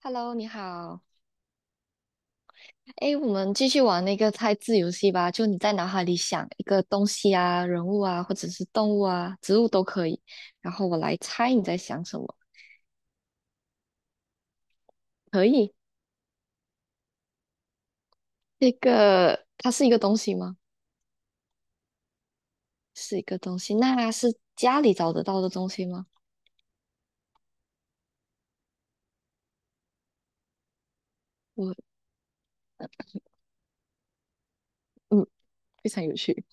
Hello，你好。哎，我们继续玩那个猜字游戏吧。就你在脑海里想一个东西啊、人物啊，或者是动物啊、植物都可以，然后我来猜你在想什么。可以。这个它是一个东西吗？是一个东西。那是家里找得到的东西吗？我嗯，非常有趣。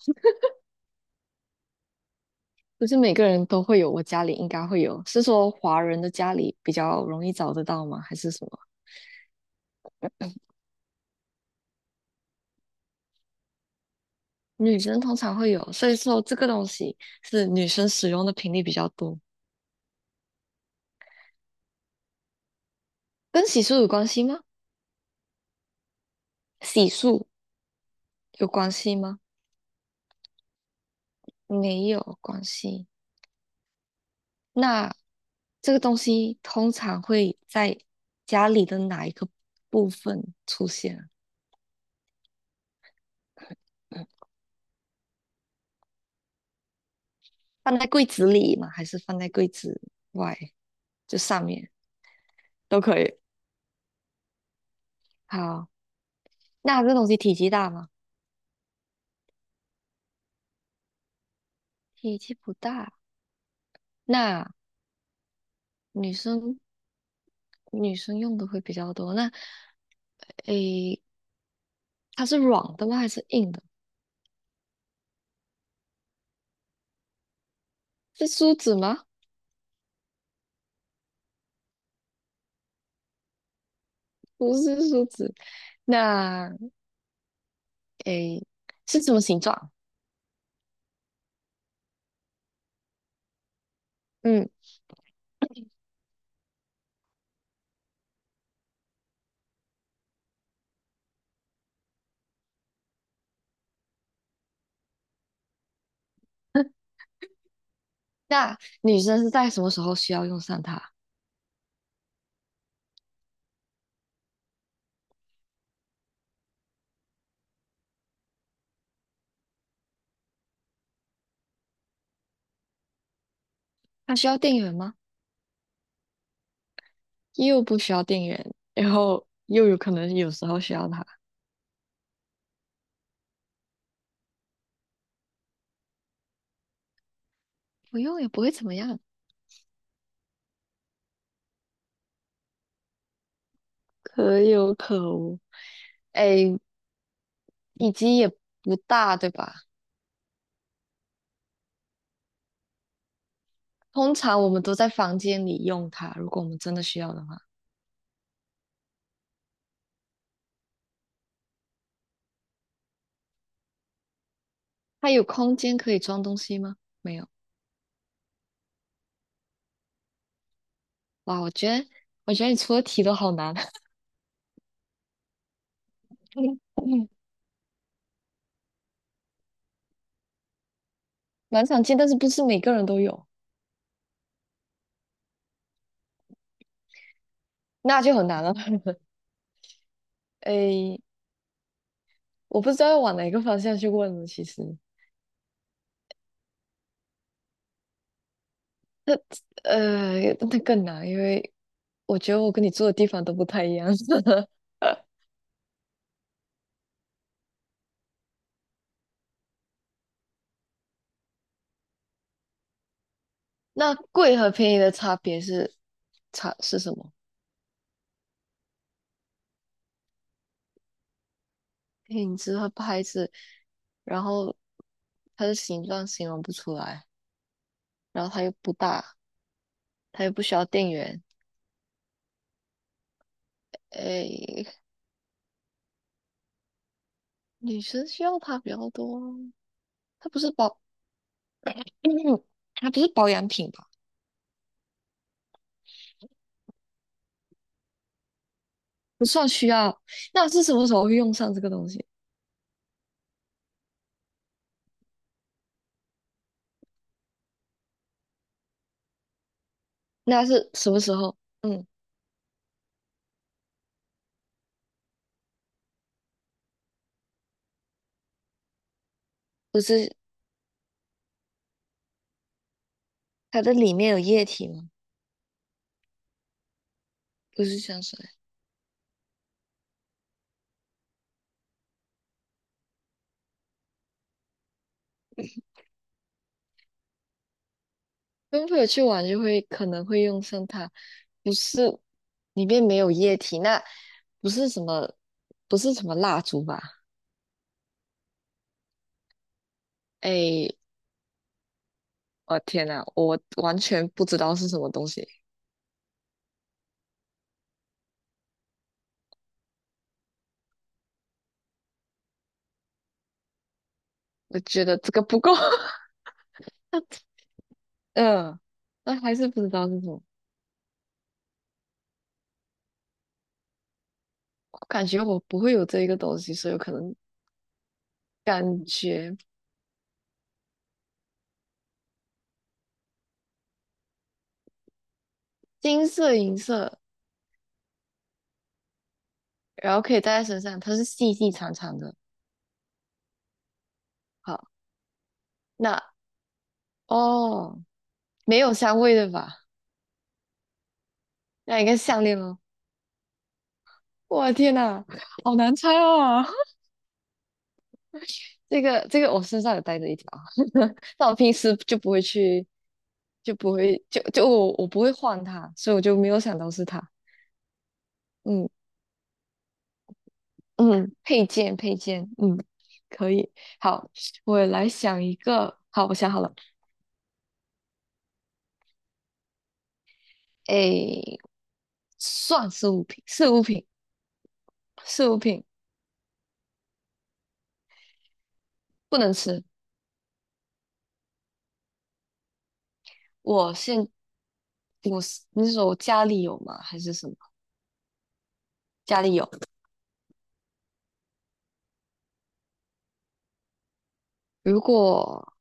不是每个人都会有，我家里应该会有。是说华人的家里比较容易找得到吗？还是什么？女生通常会有，所以说这个东西是女生使用的频率比较多。跟洗漱有关系吗？洗漱有关系吗？没有关系。那这个东西通常会在家里的哪一个部分出现啊。嗯，放在柜子里吗？还是放在柜子外？就上面都可以。好，那这东西体积大吗？体积不大。那女生用的会比较多。那诶，它是软的吗？还是硬的？是梳子吗？不是梳子，那诶，是什么形状？嗯，那女生是在什么时候需要用上它？它需要电源吗？又不需要电源，然后又有可能有时候需要它，不用也不会怎么样，可有可无。诶，以及也不大，对吧？通常我们都在房间里用它，如果我们真的需要的话，它有空间可以装东西吗？没有。哇，我觉得，我觉得你出的题都好难。蛮常见，但是不是每个人都有，那就很难了。诶，我不知道要往哪个方向去问了。其实，那那更难，因为我觉得我跟你住的地方都不太一样。那贵和便宜的差别是什么？品质和牌子，然后它的形状形容不出来，然后它又不大，它又不需要电源。诶，女生需要它比较多啊，它不是保 它不是保养品吧？不算需要。那是什么时候会用上这个东西？那是什么时候？嗯，不是它的里面有液体吗？不是香水。跟朋友去玩就会可能会用上它，不是里面没有液体，那不是什么蜡烛吧？哎，我天呐，我完全不知道是什么东西。我觉得这个不够，嗯，那还是不知道是什么。我感觉我不会有这一个东西，所以我可能感觉金色、银色。然后可以戴在身上，它是细细长长的。好，那哦，没有香味的吧？那应该是项链哦。我天呐，好难猜哦！这个我身上有带着一条，但我平时就不会去，就不会我不会换它，所以我就没有想到是它。嗯嗯，配件，嗯，可以。好，我来想一个。好，我想好了。诶，算是物品，是物品，是物品，不能吃。我现我是说我家里有吗？还是什么？家里有。如果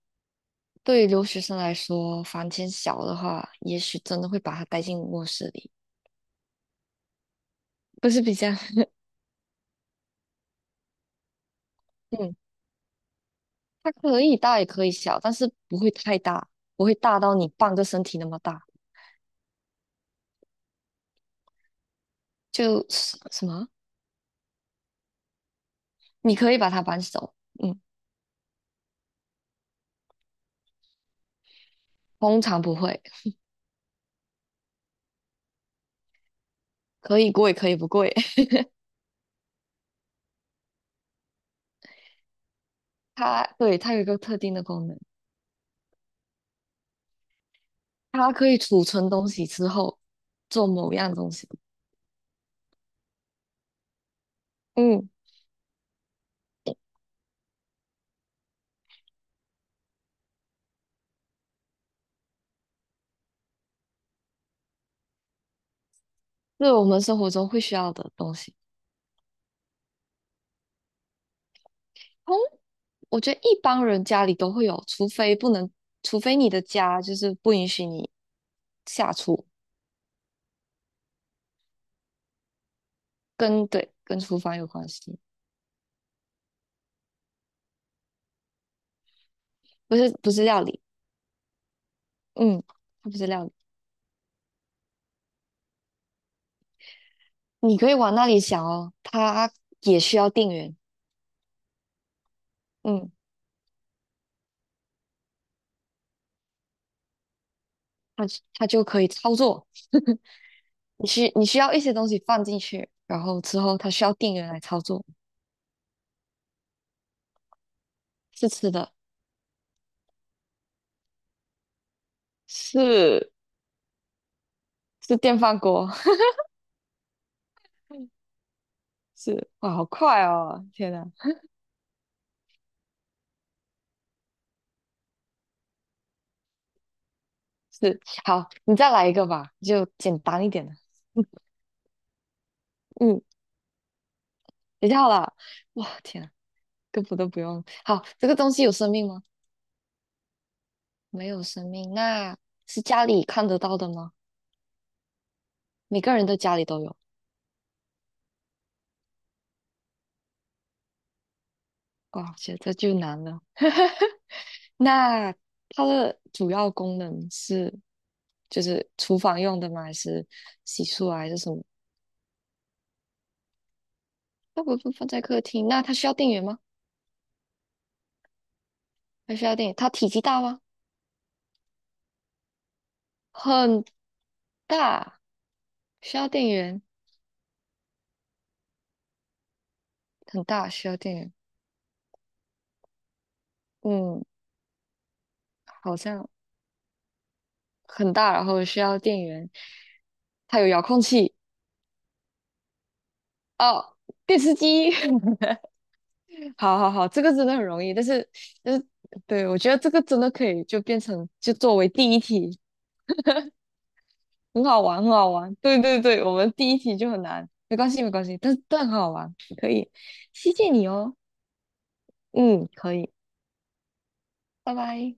对于留学生来说，房间小的话，也许真的会把它带进卧室里，不是比较。嗯，它可以大也可以小，但是不会太大，不会大到你半个身体那么大。就是什么？你可以把它搬走，嗯，通常不会，可以贵可以不贵。它对它有一个特定的功能，它可以储存东西之后做某样东西。嗯。是我们生活中会需要的东西。通，我觉得一般人家里都会有，除非不能，除非你的家就是不允许你下厨，跟厨房有关系，不是料理，嗯，它不是料理，你可以往那里想哦，它也需要电源，嗯，它它就可以操作，你需要一些东西放进去，然后之后它需要电源来操作，是吃的，是是电饭锅，是哇，好快哦，天哪！是，好，你再来一个吧，就简单一点的。嗯，比较好了。哇，天啊，根本都不用。好，这个东西有生命吗？没有生命，那是家里看得到的吗？每个人的家里都有。哇，觉得这就难了。那它的主要功能是，就是厨房用的吗？还是洗漱啊，还是什么？那不放在客厅，那它需要电源吗？还需要电源，它体积大吗？很大，需要电源，很大，需要电源。嗯，好像很大，然后需要电源，它有遥控器哦，电视机。好好好，这个真的很容易，但是但是对，我觉得这个真的可以变成作为第一题，很好玩，很好玩。对对对，我们第一题就很难，没关系没关系，但很好玩，可以，谢谢你哦。嗯，可以，拜拜。